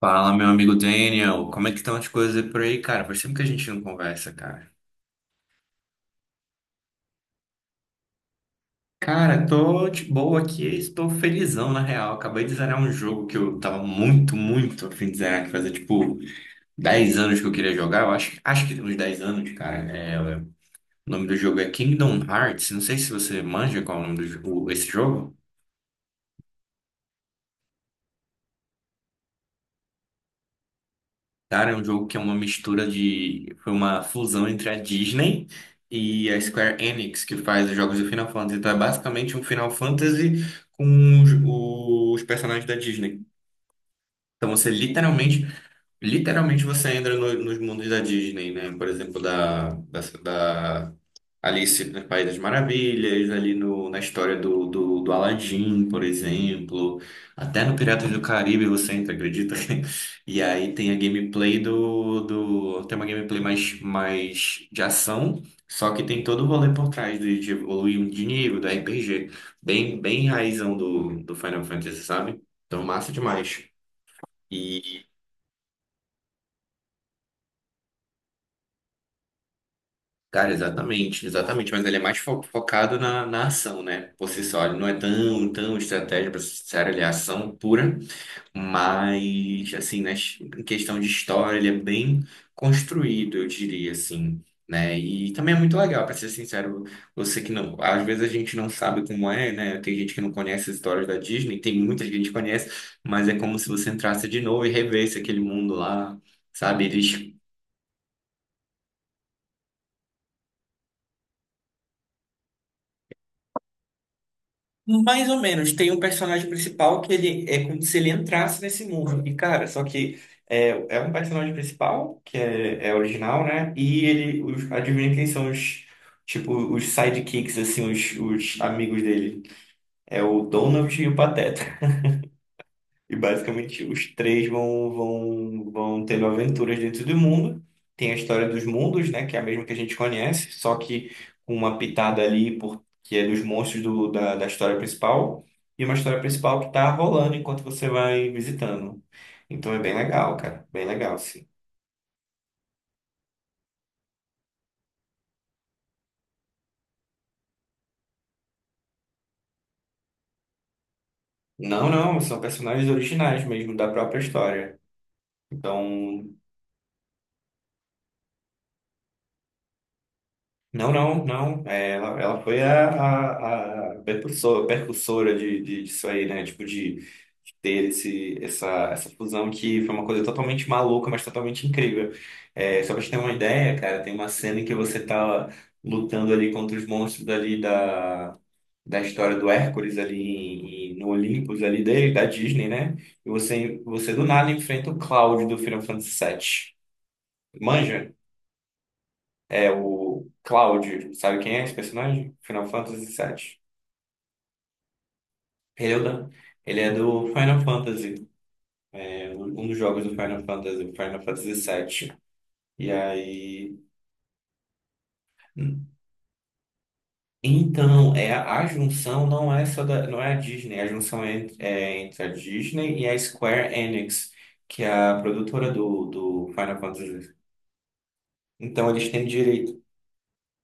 Fala, meu amigo Daniel, como é que estão as coisas por aí, cara? Faz tempo que a gente não conversa, cara. Cara, tô de boa aqui, estou felizão na real. Acabei de zerar um jogo que eu tava muito, muito a fim de zerar, que fazia tipo 10 anos que eu queria jogar. Eu acho que uns 10 anos, cara. É, o nome do jogo é Kingdom Hearts. Não sei se você manja qual é o nome do jogo, esse jogo. Cara, é um jogo que é uma mistura de. Foi uma fusão entre a Disney e a Square Enix, que faz os jogos do Final Fantasy. Então é basicamente um Final Fantasy com os personagens da Disney. Então você literalmente você entra nos mundos da Disney, né? Por exemplo, da, Alice no País das Maravilhas, ali no, na história do Aladdin, por exemplo, até no Piratas do Caribe você entra, acredita? E aí tem a gameplay do, do tem uma gameplay mais de ação, só que tem todo o rolê por trás de evoluir de nível, do RPG, bem, bem raizão do Final Fantasy, sabe? Então massa demais. E, cara, exatamente, exatamente, mas ele é mais focado na ação, né? Por si só, ele não é tão, tão estratégia para ser ele é ação pura, mas, assim, né, em questão de história, ele é bem construído, eu diria, assim, né? E também é muito legal, para ser sincero, você que não, às vezes a gente não sabe como é, né? Tem gente que não conhece as histórias da Disney, tem muita gente que conhece, mas é como se você entrasse de novo e revesse aquele mundo lá, sabe? Eles Mais ou menos. Tem um personagem principal que ele é como se ele entrasse nesse mundo. E, cara, só que é, é um personagem principal, que é original, né? E ele, os, adivinha quem são os, tipo, os sidekicks, assim, os amigos dele. É o Donald e o Pateta. E basicamente os três vão tendo aventuras dentro do mundo. Tem a história dos mundos, né? Que é a mesma que a gente conhece, só que com uma pitada ali, por, que é dos monstros da história principal, e uma história principal que tá rolando enquanto você vai visitando. Então é bem legal, cara. Bem legal, sim. Não, não, são personagens originais mesmo da própria história. Então Não, não, não. É, ela foi a percursora, disso aí, né? Tipo, de ter esse, essa fusão que foi uma coisa totalmente maluca, mas totalmente incrível. É, só pra te ter uma ideia, cara, tem uma cena em que você tá lutando ali contra os monstros ali da história do Hércules ali no Olympus ali dele, da Disney, né? E você do nada enfrenta o Cláudio do Final Fantasy VII. Manja? É o Cloud, sabe quem é esse personagem? Final Fantasy VII. Ele é, o da- ele é do Final Fantasy, é um dos jogos do Final Fantasy, Final Fantasy VII. E aí. Então, é, a junção não é só da, não é a Disney, a junção é, é entre a Disney e a Square Enix, que é a produtora do Final Fantasy. Então, eles têm direito.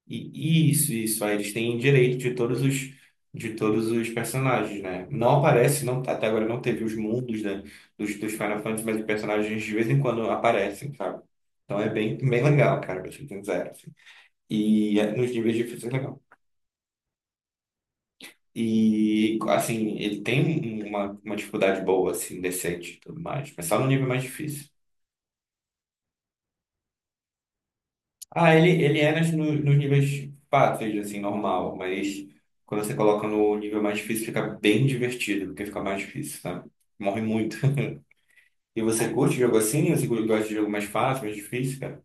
E isso, isso. Aí eles têm direito de todos os personagens, né? Não aparece, não, até agora não teve os mundos, né, dos Final Fantasy, mas os personagens de vez em quando aparecem, sabe? Então é bem, bem legal, cara, pra ser sincero, assim. E é, nos níveis difíceis é legal. E, assim, ele tem uma dificuldade boa, assim, decente e tudo mais, mas só no nível mais difícil. Ah, ele é nas, nos níveis fáceis, assim, normal, mas quando você coloca no nível mais difícil, fica bem divertido, porque fica mais difícil, sabe? Morre muito. E você curte jogo assim? Você gosta de jogo mais fácil, mais difícil, cara?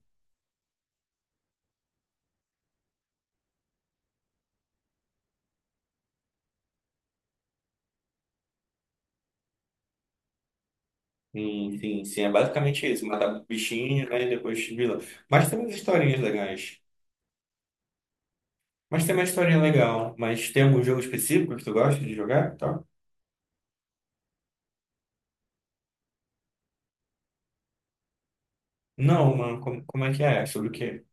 Sim, sim, sim, é basicamente isso. Matar bichinho, né, e depois vilão. Mas tem umas historinhas legais. Mas tem uma historinha legal. Mas tem algum jogo específico que tu gosta de jogar? Tá? Não, mano, como é que é? Sobre o quê?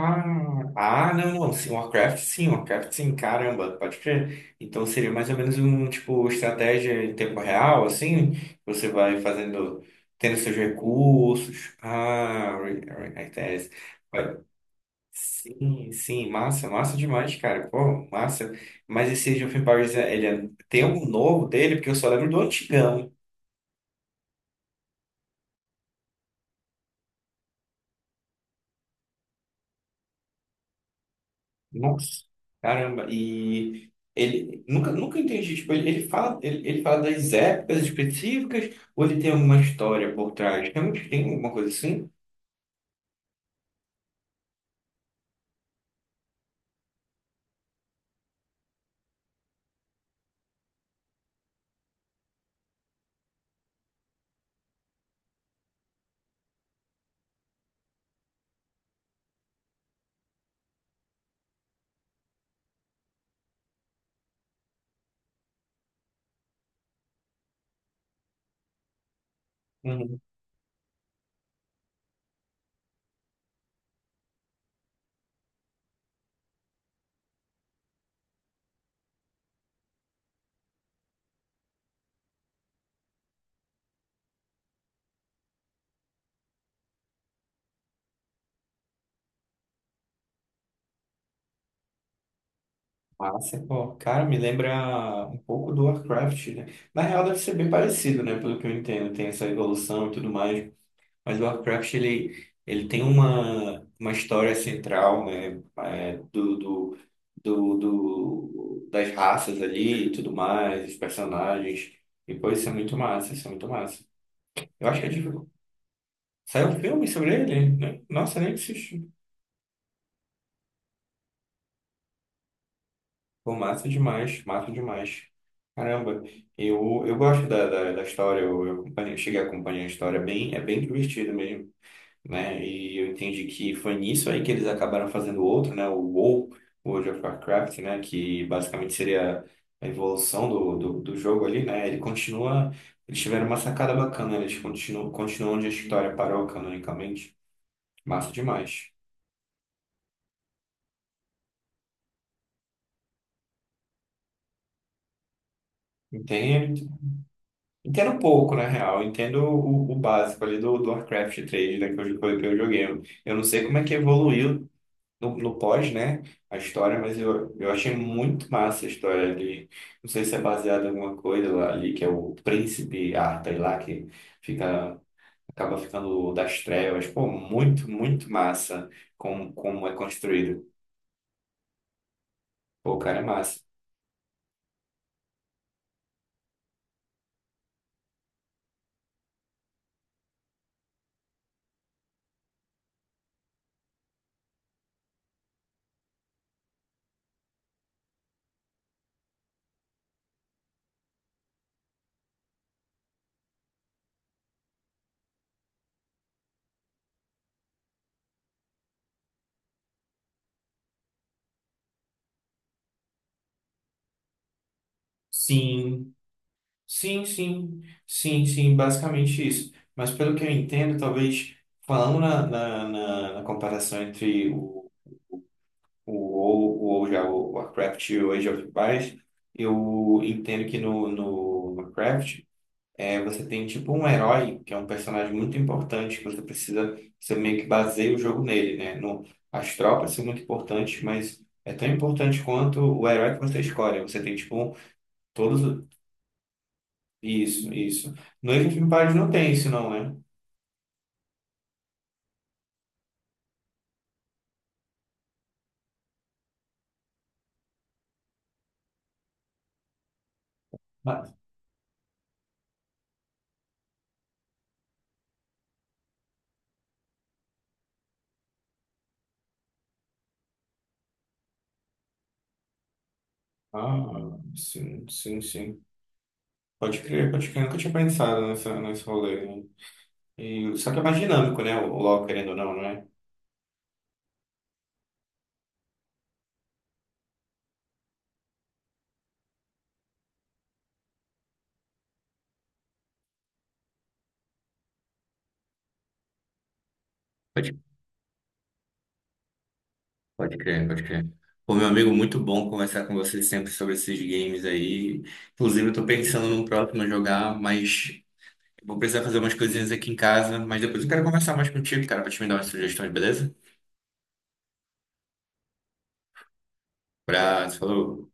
Ah, ah, não, não. Sim, Warcraft sim, Warcraft sim, caramba, pode crer. Então seria mais ou menos um tipo estratégia em tempo real, assim, você vai fazendo, tendo seus recursos. Ah, RTS. Vai- Sim, sim, massa, massa demais, cara. Pô, massa. Mas esse Age of Empires, tem algum novo dele? Porque eu só lembro do antigão. Nossa, caramba, e ele nunca entendi, tipo, ele fala, ele fala das épocas específicas ou ele tem alguma história por trás? Realmente tem alguma coisa assim? Uhum. Massa, pô, cara, me lembra um pouco do Warcraft, né? Na real deve ser bem parecido, né? Pelo que eu entendo, tem essa evolução e tudo mais. Mas o Warcraft, ele tem uma história central, né? é, das raças ali e tudo mais, os personagens. E, pô, isso é muito massa, isso é muito massa. Eu acho que é tipo, saiu um filme sobre ele, né? Nossa, nem assisti. Pô, massa demais, massa demais. Caramba, eu gosto da história, cheguei a acompanhar a história, é bem divertido mesmo. Né? E eu entendi que foi nisso aí que eles acabaram fazendo outro, né? O WoW, World of Warcraft, né? Que basicamente seria a evolução do jogo ali, né? Ele continua... Eles tiveram uma sacada bacana, eles continuam onde a história parou canonicamente. Massa demais. Entendo, entendo um pouco, na real. Eu entendo o básico ali do Warcraft III, né? Que eu joguei. Eu não sei como é que evoluiu no pós, né, a história, mas eu achei muito massa a história ali. Não sei se é baseada em alguma coisa lá ali, que é o príncipe Arthur lá, que fica, acaba ficando das trevas. Pô, muito, muito massa como é construído. Pô, o cara é massa. Sim, sim, sim, sim, sim, basicamente isso. Mas pelo que eu entendo, talvez falando na comparação entre o WoW, o WoW já, o Warcraft e o Age of Empires, eu entendo que no Warcraft é, você tem tipo um herói, que é um personagem muito importante, que você precisa, você meio que baseia o jogo nele, né? No, as tropas são muito importantes, mas é tão importante quanto o herói que você escolhe. Você tem tipo um- Todos. Isso, isso. No Age of Empires não tem isso, não, né? Mas- Ah, sim, sim, sim. Pode crer, pode crer. Eu nunca tinha pensado nesse rolê. Né? E, só que é mais dinâmico, né? O LoL, querendo ou não, não é? Pode, pode crer, pode crer. Pô, meu amigo, muito bom conversar com você sempre sobre esses games aí. Inclusive, eu tô pensando no próximo a jogar, mas vou precisar fazer umas coisinhas aqui em casa. Mas depois eu quero conversar mais contigo, cara, pra te me dar umas sugestões, beleza? Abraço, falou.